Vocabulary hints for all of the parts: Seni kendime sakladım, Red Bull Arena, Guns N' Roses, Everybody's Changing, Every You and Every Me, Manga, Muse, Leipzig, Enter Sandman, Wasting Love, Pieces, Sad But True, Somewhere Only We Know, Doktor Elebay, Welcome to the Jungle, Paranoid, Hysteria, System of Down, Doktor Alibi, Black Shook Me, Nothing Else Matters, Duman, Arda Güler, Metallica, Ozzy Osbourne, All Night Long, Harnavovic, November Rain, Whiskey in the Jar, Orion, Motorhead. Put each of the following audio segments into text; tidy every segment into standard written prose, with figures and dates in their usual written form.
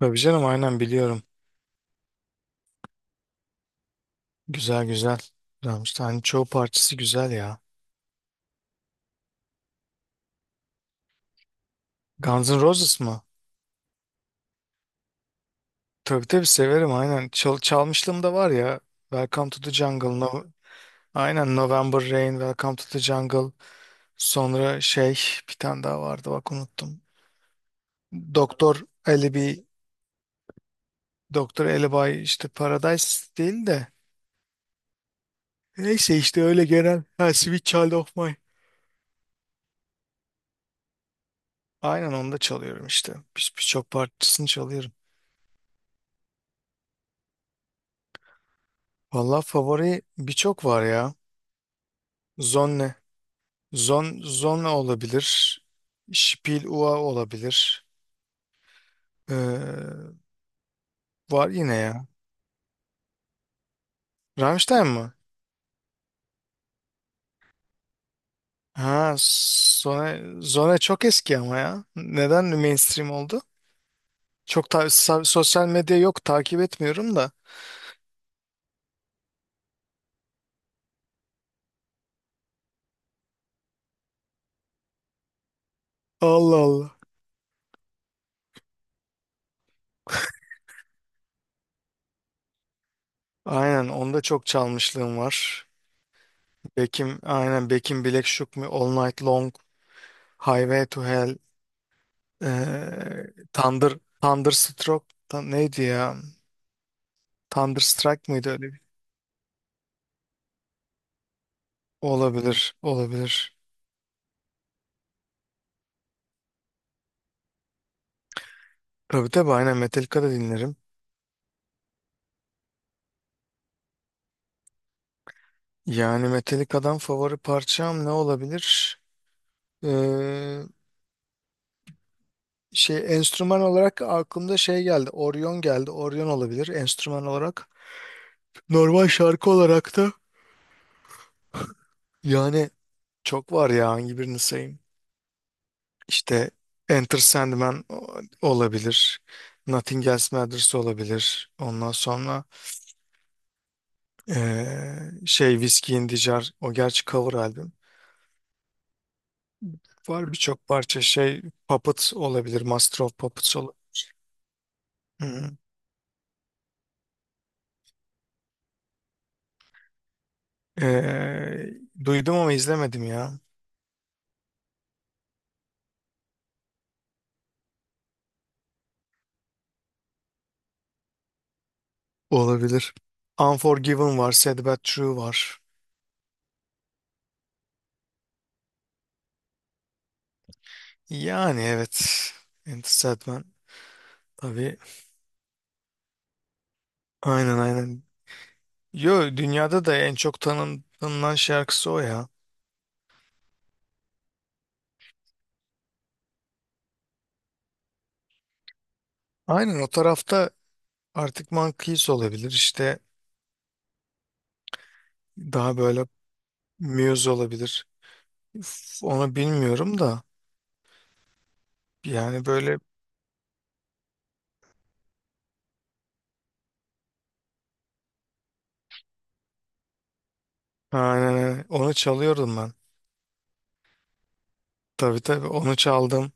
Tabii canım aynen biliyorum. Güzel güzel. Güzelmiş. Hani çoğu parçası güzel ya. Guns N' Roses mı? Tabii tabii severim aynen. Çalmışlığım da var ya. Welcome to the Jungle. No, aynen November Rain, Welcome to the Jungle. Sonra şey bir tane daha vardı bak unuttum. Doktor Alibi, Doktor Alibi işte Paradise değil de. Neyse işte öyle genel. Ha, Sweet Child of Mine. Aynen onu da çalıyorum işte. Birçok parçasını çalıyorum. Vallahi favori birçok var ya. Zonne. Zonne olabilir. Spiel Ua olabilir. Ee, Var yine ya. Rammstein mı? Ha, Zone, Zone çok eski ama ya. Neden mainstream oldu? Çok sosyal medya yok, takip etmiyorum da. Allah Allah. Aynen onda çok çalmışlığım var. Bekim aynen Bekim Black Shook Me, All Night Long, Highway to Hell, Thunder, Thunderstruck, neydi ya? Thunderstruck mıydı öyle? Olabilir, olabilir. Tabii tabii aynen Metallica da dinlerim. Yani Metallica'dan favori parçam ne olabilir? Ee, Şey, enstrüman olarak aklımda şey geldi. Orion geldi. Orion olabilir enstrüman olarak. Normal şarkı olarak da yani çok var ya, hangi birini sayayım? İşte Enter Sandman olabilir. Nothing Else Matters olabilir. Ondan sonra şey, Whiskey in the Jar, o gerçi cover albüm. Var birçok parça, şey, Puppet olabilir. Master of Puppets olabilir. Hı. Ee, Duydum ama izlemedim ya. Olabilir. Unforgiven var. Sad But True var. Yani evet. Enter Sandman. Tabii. Aynen aynen. Yo, dünyada da en çok tanınan şarkısı o ya. Aynen o tarafta artık Monkeys olabilir. İşte daha böyle Muse olabilir. Üf, onu bilmiyorum da. Yani böyle, aynen aynen. Onu çalıyordum ben. Tabii tabii onu çaldım.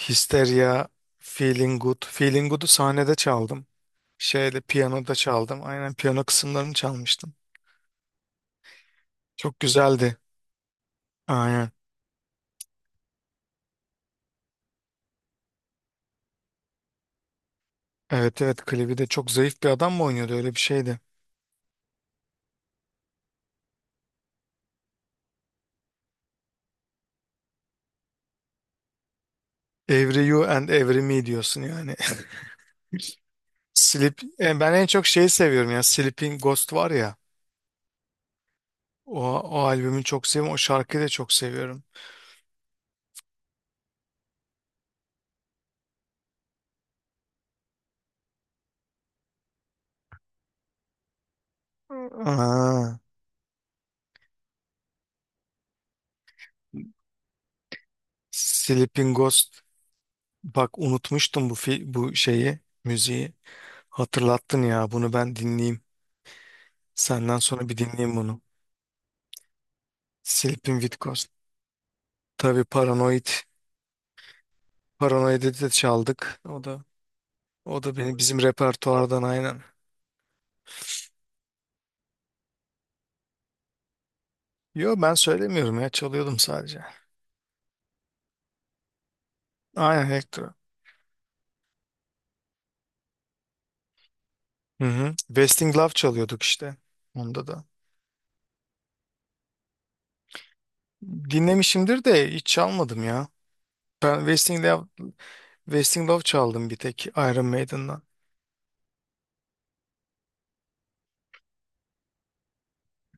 Hysteria, Feeling Good. Feeling Good'u sahnede çaldım. Şeyde, piyanoda çaldım. Aynen piyano kısımlarını çalmıştım. Çok güzeldi. Aynen. Evet evet, klibi de, çok zayıf bir adam mı oynuyordu, öyle bir şeydi. Every You and Every Me diyorsun yani. Ben en çok şeyi seviyorum ya, Sleeping Ghost var ya. O albümü çok seviyorum. O şarkıyı da çok seviyorum. Aa, Sleeping Ghost. Bak, unutmuştum bu bu şeyi, müziği. Hatırlattın ya, bunu ben dinleyeyim. Senden sonra bir dinleyeyim bunu. Sleeping with Ghost. Tabii, Paranoid. Paranoid'i de çaldık. O da beni, bizim repertuardan aynen. Yo, ben söylemiyorum ya, çalıyordum sadece. Aynen, elektro. Hı hı. Wasting Love çalıyorduk işte. Onda da. Dinlemişimdir de hiç çalmadım ya. Ben Wasting Love, çaldım bir tek Iron Maiden'dan.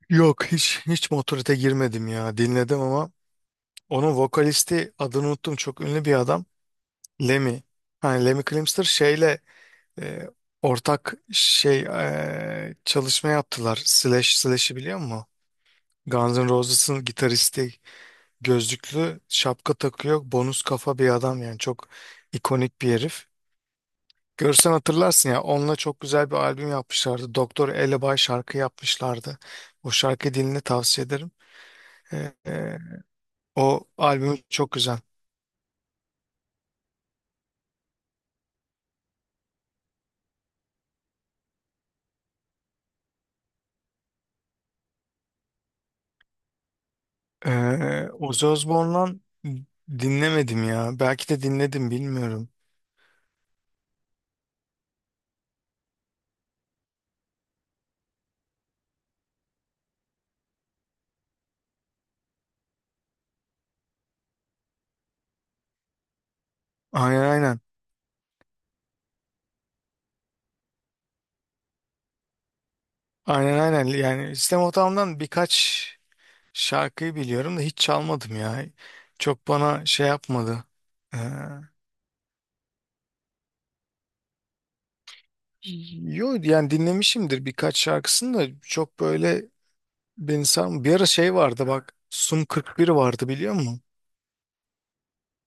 Yok, hiç Motorhead'e girmedim ya. Dinledim ama onun vokalisti, adını unuttum, çok ünlü bir adam. Lemmy. Hani Lemmy Kilmister şeyle, e, ortak şey, çalışma yaptılar. Slash'i biliyor musun? Guns N' Roses'ın gitaristi, gözlüklü, şapka takıyor. Bonus kafa bir adam yani, çok ikonik bir herif. Görsen hatırlarsın ya, onunla çok güzel bir albüm yapmışlardı. Doktor Elebay şarkı yapmışlardı. O şarkı dilini tavsiye ederim. E, e, O albüm çok güzel. Ozzy Osbourne'dan dinlemedim ya. Belki de dinledim bilmiyorum. Aynen aynen. Aynen aynen. Yani System of Down'dan birkaç şarkıyı biliyorum da hiç çalmadım ya. Çok bana şey yapmadı. Ee, Yo yani, dinlemişimdir birkaç şarkısını da çok böyle beni Bir ara şey vardı bak. Sum 41 vardı, biliyor musun?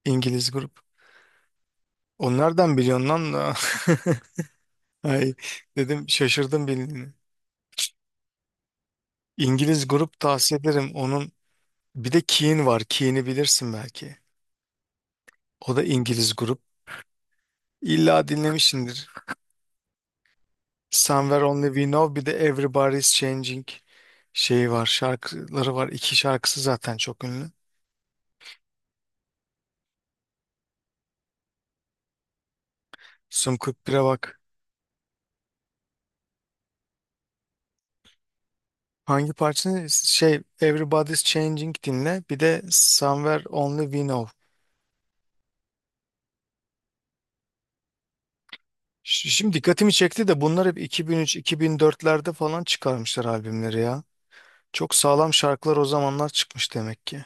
İngiliz grup. Onlardan biliyorsun lan da. Ay, dedim, şaşırdım bildiğini. İngiliz grup, tavsiye ederim. Onun bir de Keane var. Keane'i bilirsin belki. O da İngiliz grup. İlla dinlemişsindir. Somewhere Only We Know, bir de Everybody's Changing şeyi var. Şarkıları var. İki şarkısı zaten çok ünlü. Sun 41'e bak. Hangi parçanı? Şey, Everybody's Changing dinle. Bir de Somewhere Only We Know. Şimdi dikkatimi çekti de, bunlar hep 2003-2004'lerde falan çıkarmışlar albümleri ya. Çok sağlam şarkılar o zamanlar çıkmış demek ki.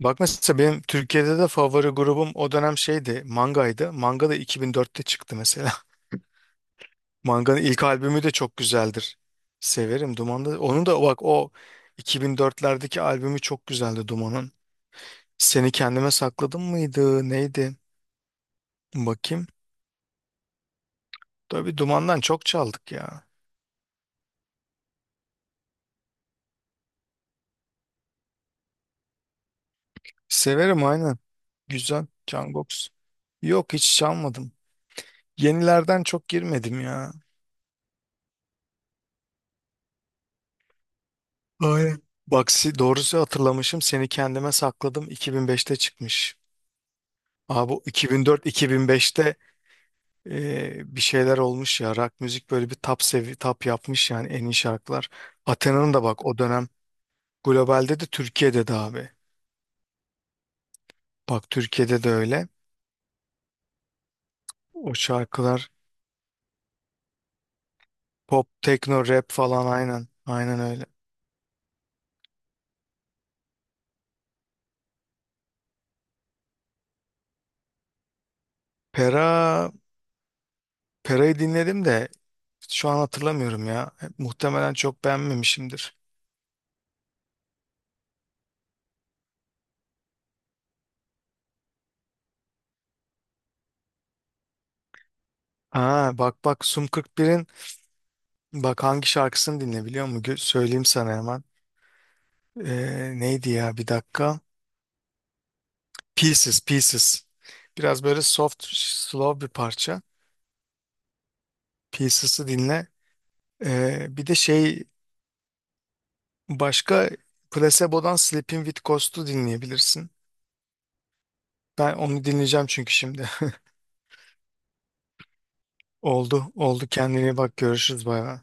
Bak mesela benim Türkiye'de de favori grubum o dönem şeydi, Manga'ydı. Manga da 2004'te çıktı mesela. Manga'nın ilk albümü de çok güzeldir. Severim Duman'da. Onu da bak, o 2004'lerdeki albümü çok güzeldi Duman'ın. Seni Kendime Sakladım mıydı? Neydi? Bakayım. Tabii, Duman'dan çok çaldık ya. Severim aynen. Güzel. Canbox. Yok, hiç çalmadım. Yenilerden çok girmedim ya. Aynen. Bak doğrusu, hatırlamışım, Seni Kendime Sakladım 2005'te çıkmış. Abi bu 2004-2005'te bir şeyler olmuş ya rock müzik, böyle bir tap sevi tap yapmış yani, en iyi şarkılar. Athena'nın da bak o dönem, globalde de Türkiye'de de abi. Bak Türkiye'de de öyle. O şarkılar pop, tekno, rap falan aynen. Aynen öyle. Pera, Pera'yı dinledim de şu an hatırlamıyorum ya. Muhtemelen çok beğenmemişimdir. Ha, bak bak, Sum 41'in. Bak, hangi şarkısını dinle biliyor musun? Söyleyeyim sana hemen. Neydi ya, bir dakika. Pieces, Pieces. Biraz böyle soft, slow bir parça. Pieces'ı dinle. Bir de şey, başka Placebo'dan Sleeping With Ghosts'u dinleyebilirsin. Ben onu dinleyeceğim çünkü şimdi. Oldu, oldu. Kendine iyi bak, görüşürüz, bay bay.